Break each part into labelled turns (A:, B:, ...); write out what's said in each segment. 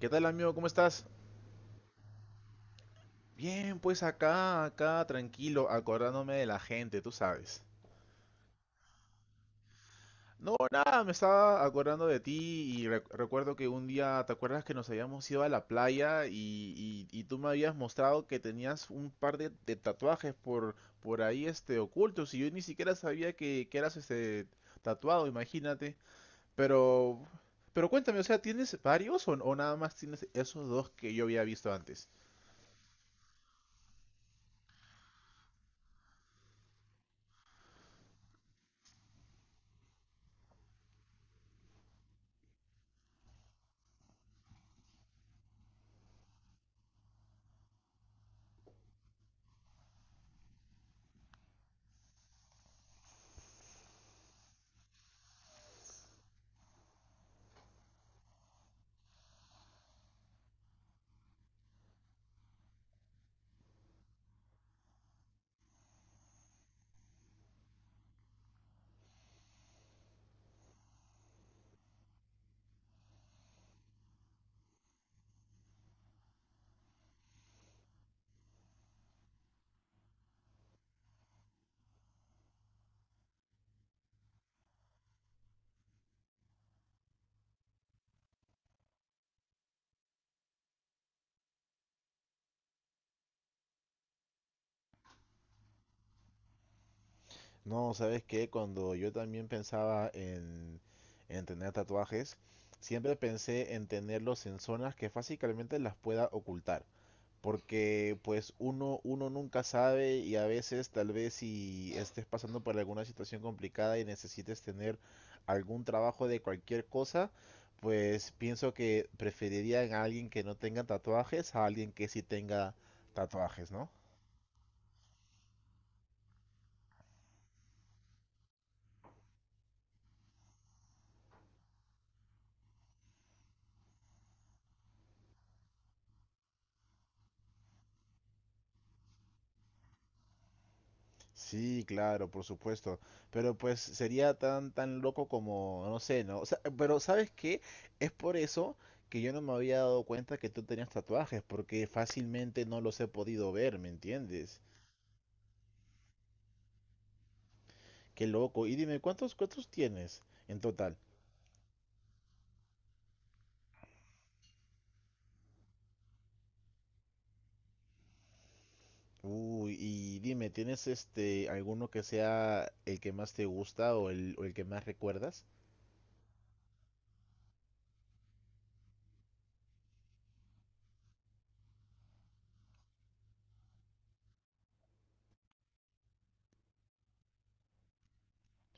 A: ¿Qué tal, amigo? ¿Cómo estás? Bien, pues acá, acá, tranquilo, acordándome de la gente, tú sabes. No, nada, me estaba acordando de ti y recuerdo que un día. ¿Te acuerdas que nos habíamos ido a la playa y, y tú me habías mostrado que tenías un par de tatuajes por ahí, ocultos, y yo ni siquiera sabía que eras, tatuado? Imagínate. Pero, cuéntame, o sea, ¿tienes varios o nada más tienes esos dos que yo había visto antes? No, ¿sabes qué? Cuando yo también pensaba en, tener tatuajes, siempre pensé en tenerlos en zonas que fácilmente las pueda ocultar. Porque pues uno nunca sabe y a veces tal vez si estés pasando por alguna situación complicada y necesites tener algún trabajo de cualquier cosa, pues pienso que preferiría a alguien que no tenga tatuajes a alguien que sí tenga tatuajes, ¿no? Sí, claro, por supuesto. Pero pues sería tan tan loco como, no sé, ¿no? O sea, pero ¿sabes qué? Es por eso que yo no me había dado cuenta que tú tenías tatuajes, porque fácilmente no los he podido ver, ¿me entiendes? Qué loco. Y dime, ¿cuántos tienes en total? Uy, y dime, ¿tienes alguno que sea el que más te gusta, o el que más recuerdas?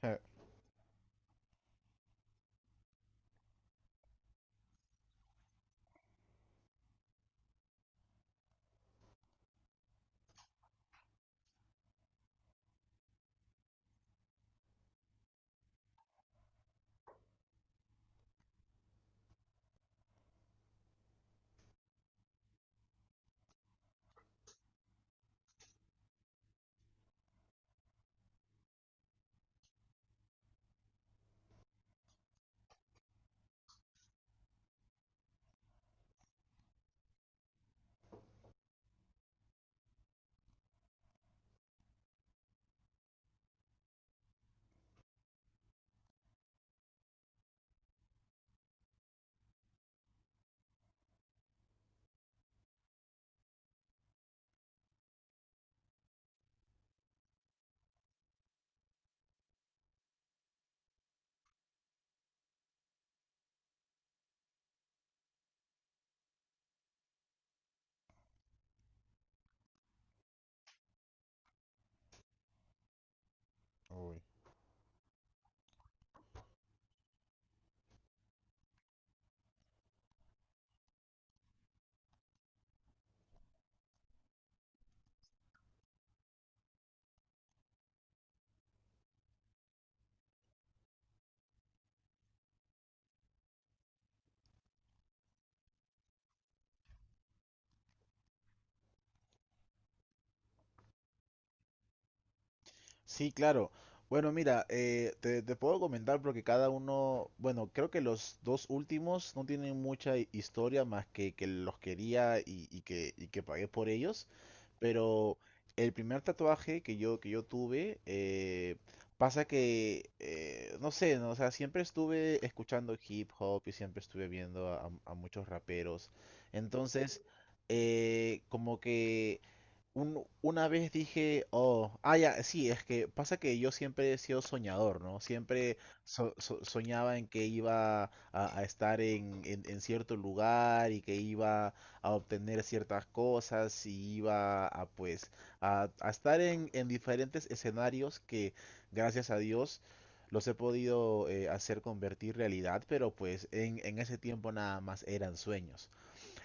A: Ja. Uy. Sí, claro. Bueno, mira, te, puedo comentar porque cada uno, bueno, creo que los dos últimos no tienen mucha historia, más que los quería y, y que pagué por ellos, pero el primer tatuaje que yo tuve. Pasa que, no sé, ¿no? O sea, siempre estuve escuchando hip hop y siempre estuve viendo a, muchos raperos. Entonces, como que una vez dije, oh, ah, ya, sí. Es que pasa que yo siempre he sido soñador, ¿no? Siempre soñaba en que iba a, estar en, en cierto lugar, y que iba a obtener ciertas cosas, y iba a, pues, a, estar en, diferentes escenarios que, gracias a Dios, los he podido hacer convertir realidad, pero pues en, ese tiempo nada más eran sueños.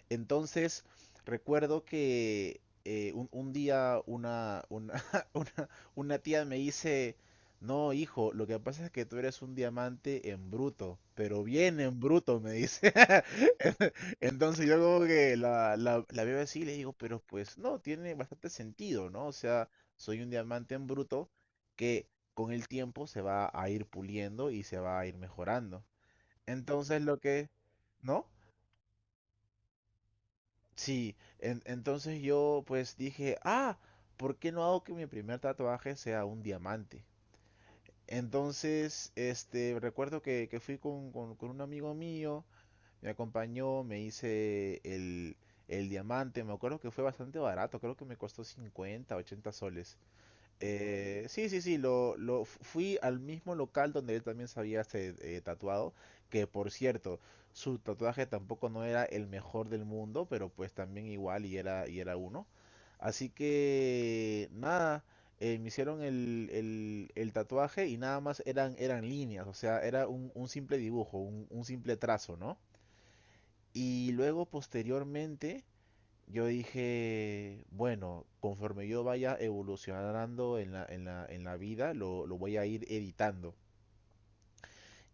A: Entonces, recuerdo que un, día una, una, tía me dice, no, hijo, lo que pasa es que tú eres un diamante en bruto, pero bien en bruto, me dice. Entonces yo como que la, veo así y le digo, pero pues no, tiene bastante sentido, ¿no? O sea, soy un diamante en bruto que con el tiempo se va a ir puliendo y se va a ir mejorando. Entonces lo que, ¿no? Sí, entonces yo pues dije, ah, ¿por qué no hago que mi primer tatuaje sea un diamante? Entonces, recuerdo que, fui con, con un amigo mío. Me acompañó, me hice el, diamante. Me acuerdo que fue bastante barato, creo que me costó 50 80 soles. Sí, sí, sí, fui al mismo local donde él también se había, tatuado, que por cierto, su tatuaje tampoco no era el mejor del mundo, pero pues también igual y era uno. Así que nada, me hicieron el, tatuaje, y nada más eran, líneas, o sea, era un, simple dibujo, un, simple trazo, ¿no? Y luego posteriormente yo dije, bueno, conforme yo vaya evolucionando en la, en la, en la vida, lo, voy a ir editando.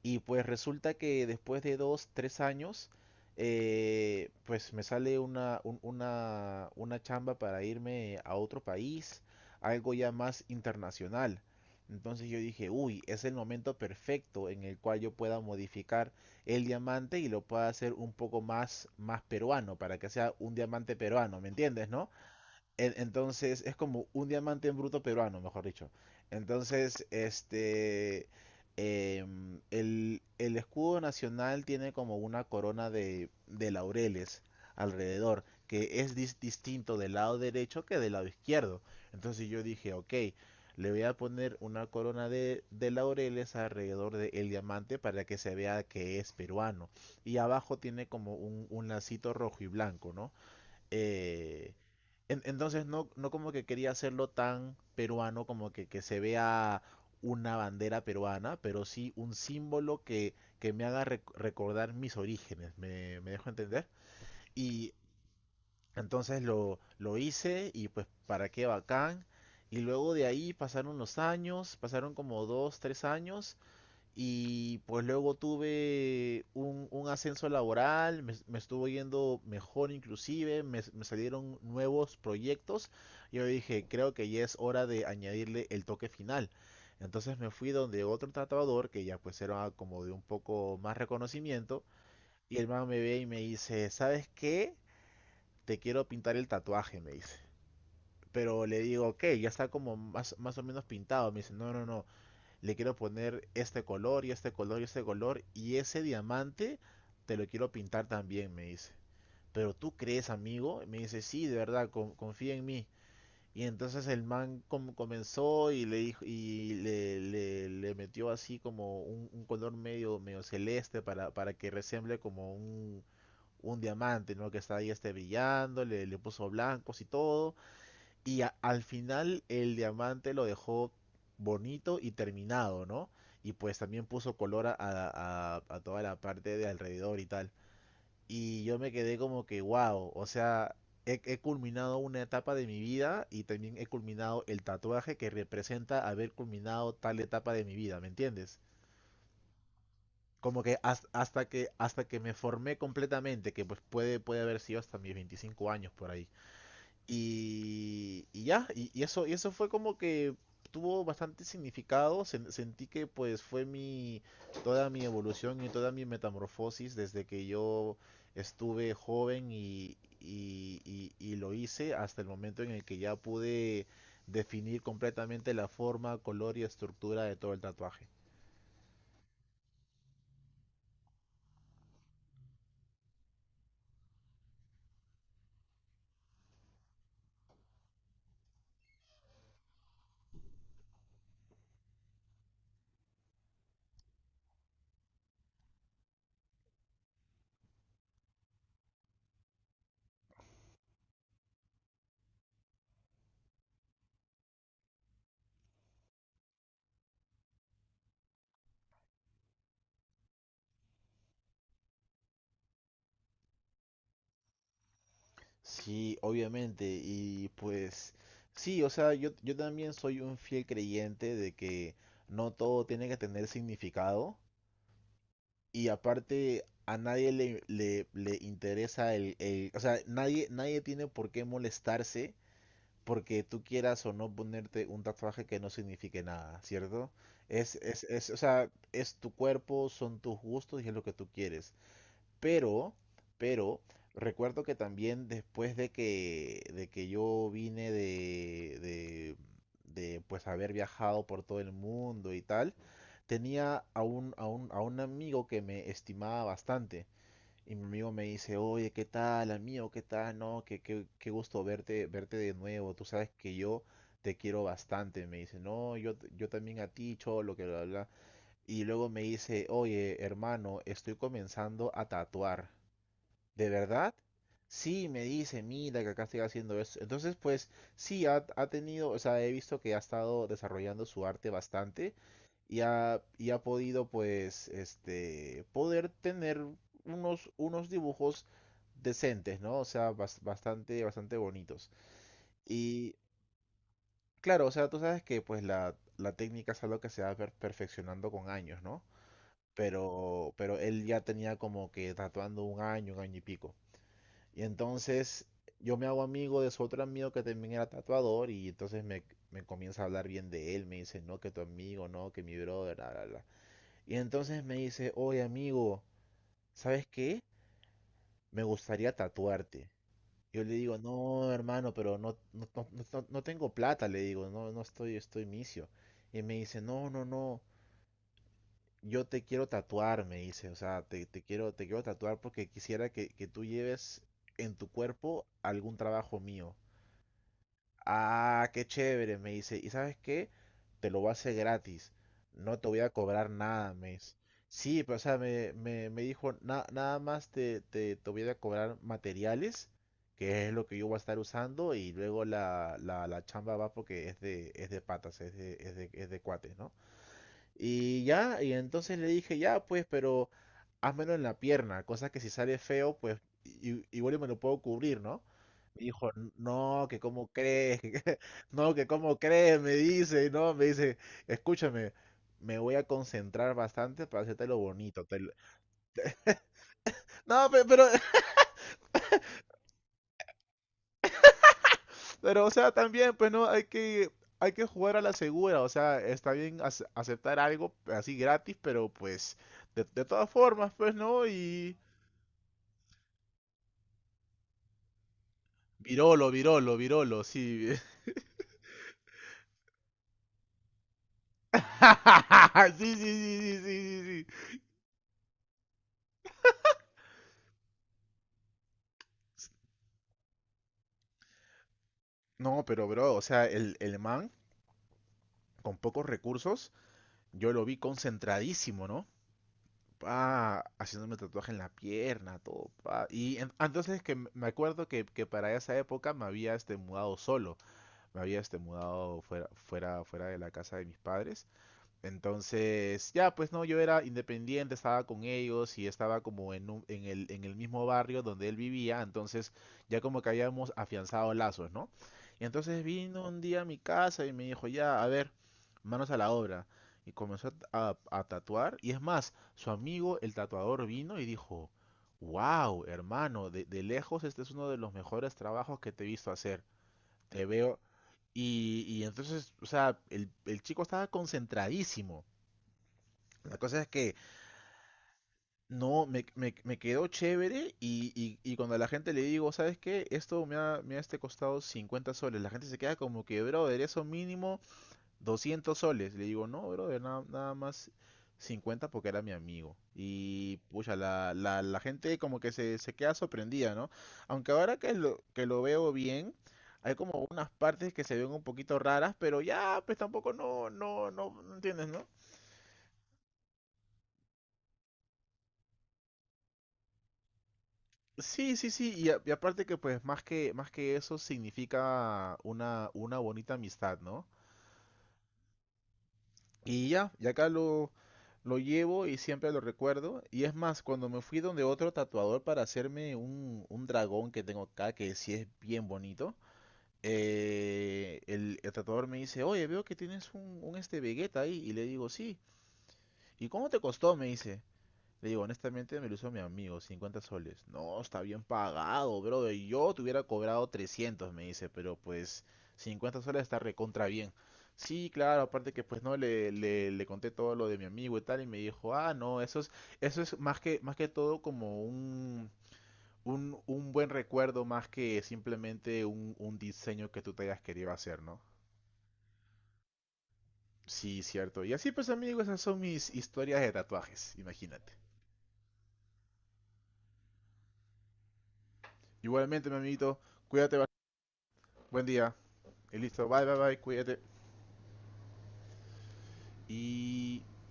A: Y pues resulta que después de dos, tres años, pues me sale una, una chamba para irme a otro país, algo ya más internacional. Entonces yo dije, uy, es el momento perfecto en el cual yo pueda modificar el diamante y lo pueda hacer un poco más, peruano, para que sea un diamante peruano, ¿me entiendes, no? Entonces es como un diamante en bruto peruano, mejor dicho. Entonces, el, escudo nacional tiene como una corona de, laureles alrededor, que es distinto del lado derecho que del lado izquierdo. Entonces yo dije, ok, le voy a poner una corona de, laureles alrededor del diamante, para que se vea que es peruano. Y abajo tiene como un, lacito rojo y blanco, ¿no? Eh, entonces no, no como que quería hacerlo tan peruano, como que, se vea una bandera peruana, pero sí un símbolo que, me haga recordar mis orígenes, ¿me, dejo entender? Y entonces lo, hice, y pues para qué bacán. Y luego de ahí pasaron los años, pasaron como dos, tres años, y pues luego tuve un, ascenso laboral, me, estuvo yendo mejor, inclusive, me, salieron nuevos proyectos. Yo dije, creo que ya es hora de añadirle el toque final. Entonces me fui donde otro tatuador, que ya pues era como de un poco más reconocimiento, y el man me ve y me dice, ¿sabes qué? Te quiero pintar el tatuaje, me dice. Pero le digo, ok, ya está como más o menos pintado. Me dice, no, no, no, le quiero poner este color y este color y este color, y ese diamante te lo quiero pintar también, me dice. ¿Pero tú crees, amigo? Me dice, sí, de verdad, confía en mí. Y entonces el man comenzó y le dijo, y le, le metió así como un, color medio, celeste, para, que resemble como un, diamante, ¿no? Que está ahí brillando, le, puso blancos y todo. Y al final el diamante lo dejó bonito y terminado, ¿no? Y pues también puso color a toda la parte de alrededor y tal. Y yo me quedé como que, wow, o sea, he, culminado una etapa de mi vida, y también he culminado el tatuaje que representa haber culminado tal etapa de mi vida, ¿me entiendes? Como que hasta que me formé completamente, que pues puede haber sido hasta mis 25 años por ahí. Y ya, y eso fue como que tuvo bastante significado. Sentí que pues fue mi, toda mi evolución y toda mi metamorfosis desde que yo estuve joven, y, y lo hice hasta el momento en el que ya pude definir completamente la forma, color y estructura de todo el tatuaje. Sí, obviamente. Y pues sí, o sea, yo, también soy un fiel creyente de que no todo tiene que tener significado. Y aparte, a nadie le, le, interesa el, o sea, nadie, nadie tiene por qué molestarse porque tú quieras o no ponerte un tatuaje que no signifique nada, ¿cierto? O sea, es tu cuerpo, son tus gustos, y es lo que tú quieres. Pero, pero, recuerdo que también después de que yo vine de, pues haber viajado por todo el mundo y tal, tenía a un, a un, a un amigo que me estimaba bastante. Y mi amigo me dice, oye, ¿qué tal, amigo? ¿Qué tal? No, qué gusto verte, verte de nuevo. Tú sabes que yo te quiero bastante. Me dice, no, yo también a ti, cholo, que bla, bla. Y luego me dice, oye, hermano, estoy comenzando a tatuar. ¿De verdad? Sí, me dice, mira que acá estoy haciendo eso. Entonces, pues sí, ha, tenido, o sea, he visto que ha estado desarrollando su arte bastante, y ha podido, pues, poder tener unos, dibujos decentes, ¿no? O sea, bastante bonitos. Y claro, o sea, tú sabes que, pues, la, técnica es algo que se va perfeccionando con años, ¿no? Pero, él ya tenía como que tatuando un año y pico. Y entonces yo me hago amigo de su otro amigo que también era tatuador, y entonces me, comienza a hablar bien de él, me dice, no, que tu amigo, no, que mi brother, bla, bla, bla. Y entonces me dice, oye amigo, ¿sabes qué? Me gustaría tatuarte. Yo le digo, no, hermano, pero no, no, no, no tengo plata, le digo, no, no estoy misio. Y me dice, no, no, no, yo te quiero tatuar, me dice, o sea, te quiero tatuar, porque quisiera que, tú lleves en tu cuerpo algún trabajo mío. Ah, qué chévere, me dice. ¿Y sabes qué? Te lo voy a hacer gratis. No te voy a cobrar nada, me dice. Sí, pero o sea, me, dijo, Nada más te, te, voy a cobrar materiales, que es lo que yo voy a estar usando, y luego la, la, chamba va porque es de patas, es de, es de, es de cuates, ¿no? Y ya, y entonces le dije, ya, pues, pero házmelo en la pierna, cosa que si sale feo, pues igual y me lo puedo cubrir, ¿no? Me dijo, no, que cómo crees, no, que cómo crees, me dice, no, me dice, escúchame, me voy a concentrar bastante para hacerte lo bonito. Te lo-". No, pero, pero, o sea, también, pues no, hay que jugar a la segura. O sea, está bien aceptar algo así gratis, pero pues, de todas formas, pues no, y... Virolo, Virolo, Virolo, sí. Sí, sí, sí, sí, sí, sí, sí. No, pero bro, o sea, el man con pocos recursos, yo lo vi concentradísimo, ¿no? Pa, haciéndome tatuaje en la pierna, todo, pa. Y entonces que me acuerdo que para esa época me había este mudado solo, me había este mudado fuera, fuera de la casa de mis padres. Entonces, ya, pues no, yo era independiente, estaba con ellos y estaba como en, en el mismo barrio donde él vivía, entonces ya como que habíamos afianzado lazos, ¿no? Y entonces vino un día a mi casa y me dijo, ya, a ver, manos a la obra. Y comenzó a, a tatuar. Y es más, su amigo, el tatuador, vino y dijo, wow, hermano, de lejos este es uno de los mejores trabajos que te he visto hacer. Te veo. Y entonces, o sea, el chico estaba concentradísimo. La cosa es que no, me quedó chévere. Y cuando a la gente le digo, ¿sabes qué? Esto me ha este costado 50 soles. La gente se queda como que, brother, eso mínimo 200 soles. Le digo, no, brother, nada, nada más 50 porque era mi amigo. Y pucha, la gente como que se queda sorprendida, ¿no? Aunque ahora que lo veo bien, hay como unas partes que se ven un poquito raras, pero ya, pues tampoco no, no entiendes, ¿no? Sí, sí, sí, y, y aparte que pues más que eso significa una bonita amistad, ¿no? Y ya, y acá lo llevo y siempre lo recuerdo. Y es más, cuando me fui donde otro tatuador para hacerme un dragón que tengo acá, que sí es bien bonito, el tatuador me dice, oye, veo que tienes un este Vegeta ahí. Y le digo, sí. ¿Y cómo te costó? Me dice. Le digo, honestamente me lo hizo mi amigo, 50 soles. No, está bien pagado, bro. Yo te hubiera cobrado 300, me dice, pero pues 50 soles está recontra bien. Sí, claro, aparte que pues no le, le conté todo lo de mi amigo y tal, y me dijo, ah, no, eso es más que todo como un, un buen recuerdo, más que simplemente un diseño que tú te hayas querido hacer, ¿no? Sí, cierto. Y así pues, amigo, esas son mis historias de tatuajes, imagínate. Igualmente, mi amiguito, cuídate, bastante. Buen día. Y listo, bye, bye, bye, cuídate. Y